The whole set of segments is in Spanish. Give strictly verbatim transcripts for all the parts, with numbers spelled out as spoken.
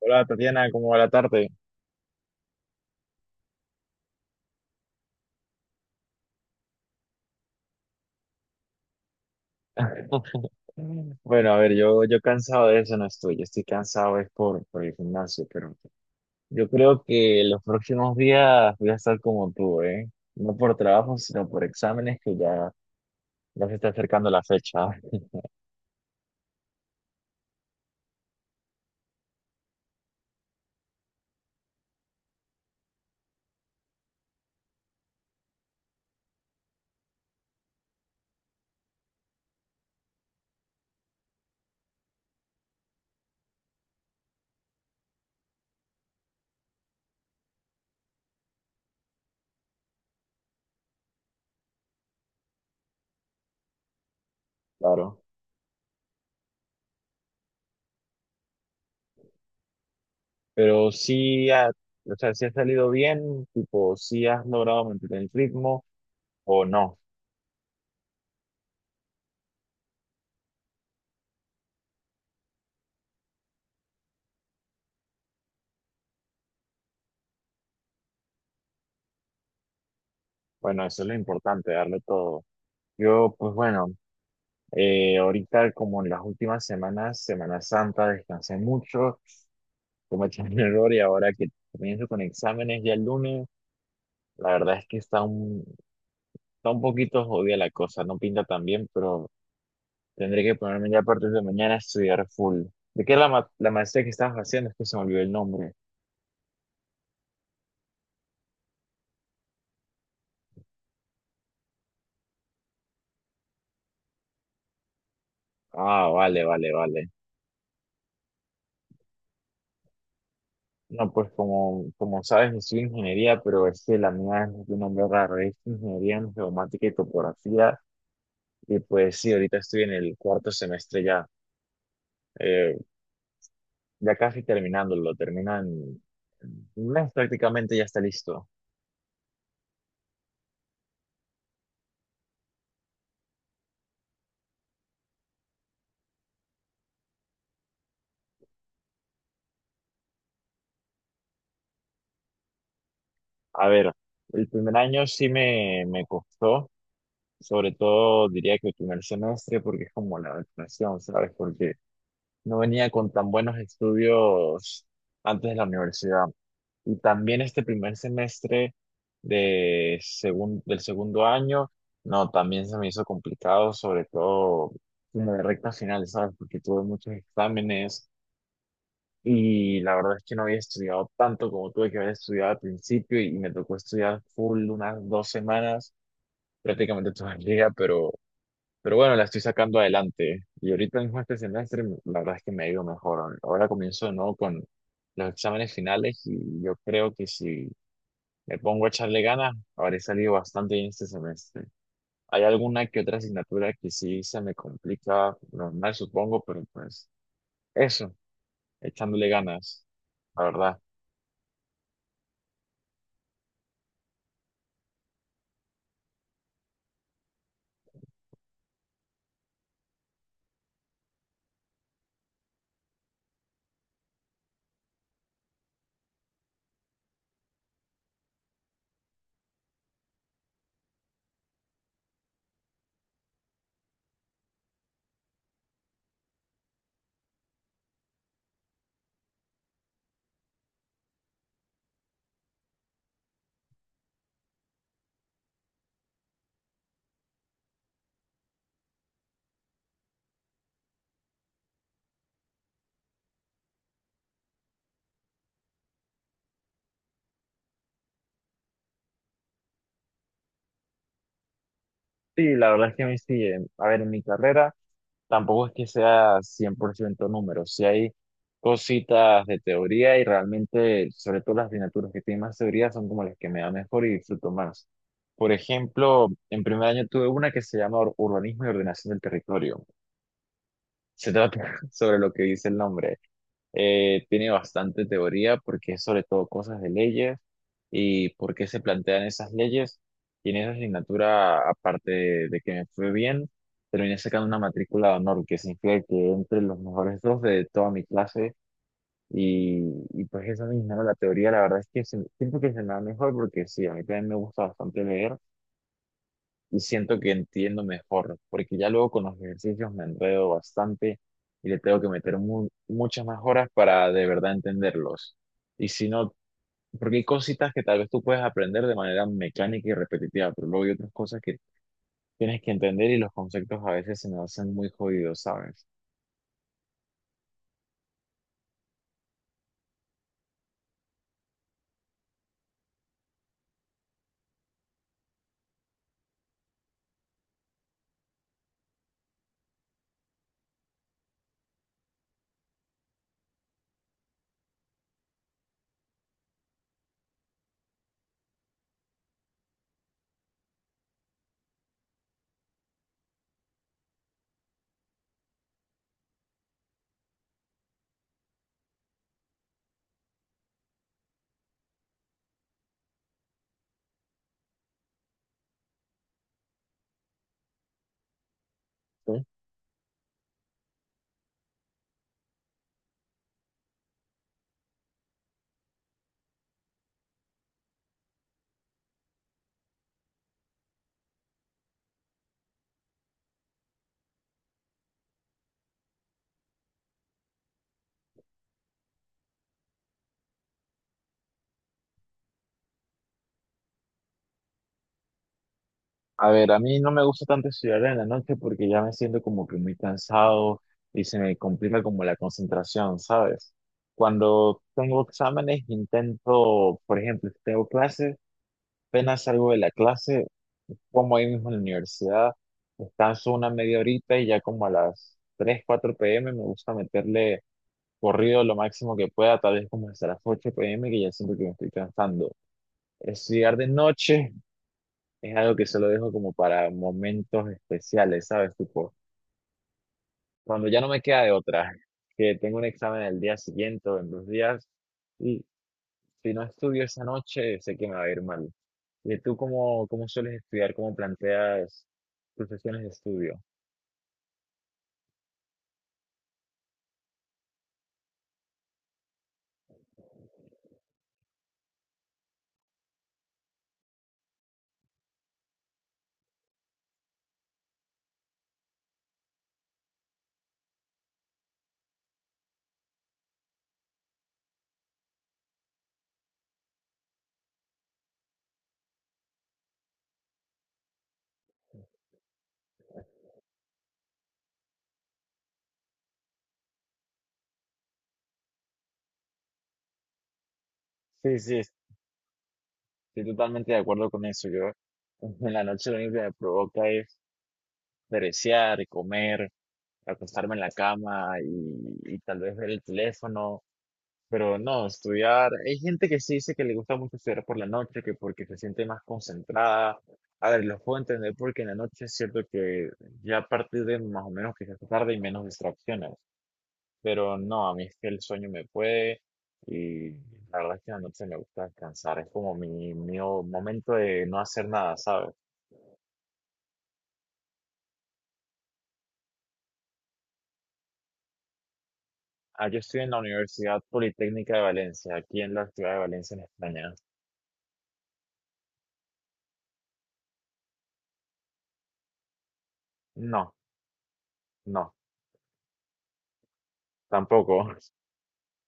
Hola Tatiana, ¿cómo va la tarde? Bueno, a ver, yo, yo cansado de eso no estoy, yo estoy cansado es por, por el gimnasio, pero yo creo que los próximos días voy a estar como tú, ¿eh? No por trabajo, sino por exámenes que ya, ya se está acercando la fecha. Claro. Pero sí, ha- o sea, si has salido bien, tipo, si has logrado mantener el ritmo o no. Bueno, eso es lo importante, darle todo. Yo, pues bueno. Eh, ahorita, como en las últimas semanas, Semana Santa, descansé mucho, cometí un error y ahora que comienzo con exámenes ya el lunes, la verdad es que está un, está un poquito jodida la cosa, no pinta tan bien, pero tendré que ponerme ya a partir de mañana a estudiar full. ¿De qué es la, ma- la maestría que estabas haciendo? Es que se me olvidó el nombre. Ah, vale, vale, vale. No, pues como, como sabes, yo soy ingeniería, pero es que la mía es de un nombre raro, es ingeniería en geomática y topografía. Y pues sí, ahorita estoy en el cuarto semestre ya. eh, ya casi terminándolo, terminan un mes prácticamente ya está listo. A ver, el primer año sí me, me costó, sobre todo diría que el primer semestre, porque es como la vacunación, ¿sabes? Porque no venía con tan buenos estudios antes de la universidad. Y también este primer semestre de segun- del segundo año, no, también se me hizo complicado, sobre todo en la recta final, ¿sabes? Porque tuve muchos exámenes. Y la verdad es que no había estudiado tanto como tuve que haber estudiado al principio y me tocó estudiar full unas dos semanas, prácticamente toda el día, pero, pero bueno, la estoy sacando adelante. Y ahorita mismo este semestre, la verdad es que me ha ido mejor. Ahora comienzo, ¿no?, con los exámenes finales y yo creo que si me pongo a echarle ganas, habré salido bastante bien este semestre. Hay alguna que otra asignatura que sí se me complica, normal supongo, pero pues eso, echándole ganas, la verdad. Sí, la verdad es que a mí sí, eh, a ver, en mi carrera tampoco es que sea cien por ciento números, sí hay cositas de teoría y realmente, sobre todo las asignaturas que tienen más teoría son como las que me dan mejor y disfruto más. Por ejemplo, en primer año tuve una que se llama Ur- Urbanismo y Ordenación del Territorio. Se trata sobre lo que dice el nombre. Eh, tiene bastante teoría porque es sobre todo cosas de leyes y por qué se plantean esas leyes. Y en esa asignatura, aparte de, de que me fue bien, terminé sacando una matrícula de honor, que significa que entre los mejores dos de toda mi clase. Y, y pues esa misma, ¿no? La teoría, la verdad es que se- siento que se me da mejor porque sí, a mí también me gusta bastante leer y siento que entiendo mejor, porque ya luego con los ejercicios me enredo bastante y le tengo que meter mu- muchas más horas para de verdad entenderlos. Y si no, porque hay cositas que tal vez tú puedes aprender de manera mecánica y repetitiva, pero luego hay otras cosas que tienes que entender y los conceptos a veces se me hacen muy jodidos, ¿sabes? A ver, a mí no me gusta tanto estudiar en la noche porque ya me siento como que muy cansado y se me complica como la concentración, ¿sabes? Cuando tengo exámenes intento, por ejemplo, si tengo clases, apenas salgo de la clase, como ahí mismo en la universidad, descanso una media horita y ya como a las tres, cuatro p m me gusta meterle corrido lo máximo que pueda, tal vez como hasta las ocho p m que ya siento que me estoy cansando. Estudiar de noche es algo que solo dejo como para momentos especiales, ¿sabes? Tipo, cuando ya no me queda de otra, que tengo un examen el día siguiente o en dos días, y si no estudio esa noche, sé que me va a ir mal. ¿Y tú cómo, cómo sueles estudiar? ¿Cómo planteas tus sesiones de estudio? Sí, sí, estoy totalmente de acuerdo con eso. Yo en la noche lo único que me provoca es perecear, comer, acostarme en la cama y, y tal vez ver el teléfono. Pero no, estudiar. Hay gente que sí dice que le gusta mucho estudiar por la noche, que porque se siente más concentrada. A ver, los puedo entender porque en la noche es cierto que ya a partir de más o menos que se hace tarde y menos distracciones. Pero no, a mí es que el sueño me puede y la verdad es que en la noche me gusta descansar. Es como mi, mi o- momento de no hacer nada, ¿sabes? Ah, yo estoy en la Universidad Politécnica de Valencia, aquí en la ciudad de Valencia, en España. No, no, tampoco.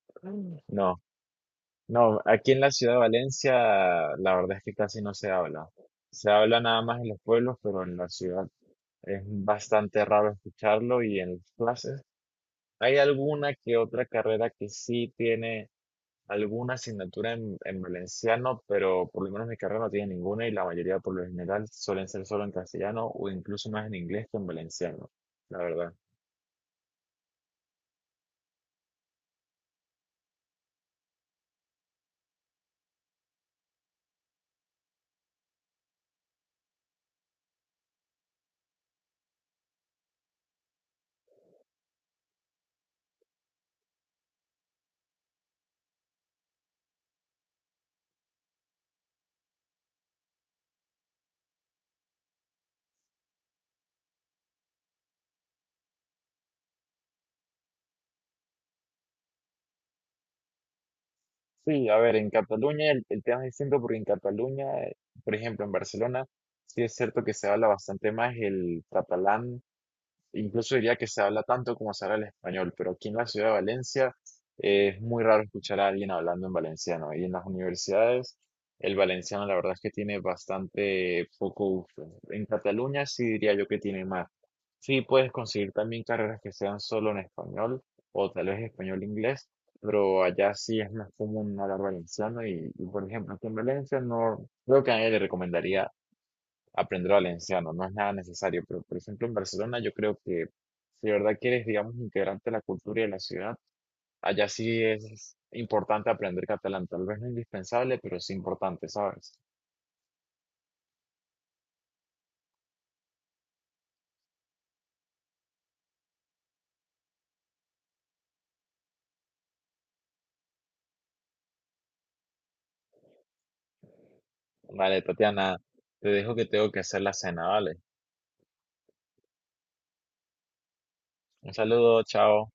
No. No, aquí en la ciudad de Valencia la verdad es que casi no se habla. Se habla nada más en los pueblos, pero en la ciudad es bastante raro escucharlo y en las clases hay alguna que otra carrera que sí tiene alguna asignatura en, en valenciano, pero por lo menos mi carrera no tiene ninguna y la mayoría por lo general suelen ser solo en castellano o incluso más en inglés que en valenciano, la verdad. Sí, a ver, en Cataluña el, el tema es distinto porque en Cataluña, eh, por ejemplo, en Barcelona, sí es cierto que se habla bastante más el catalán. Incluso diría que se habla tanto como se habla el español, pero aquí en la ciudad de Valencia, eh, es muy raro escuchar a alguien hablando en valenciano. Y en las universidades, el valenciano la verdad es que tiene bastante poco uso. En Cataluña sí diría yo que tiene más. Sí puedes conseguir también carreras que sean solo en español o tal vez español-inglés, pero allá sí es más común hablar valenciano y, y, por ejemplo, aquí en Valencia no creo que a nadie le recomendaría aprender valenciano, no es nada necesario, pero por ejemplo en Barcelona yo creo que si de verdad quieres, digamos, integrarte a la cultura y a la ciudad, allá sí es importante aprender catalán, tal vez no indispensable, pero sí importante, ¿sabes? Vale, Tatiana, te dejo que tengo que hacer la cena, ¿vale? Un saludo, chao.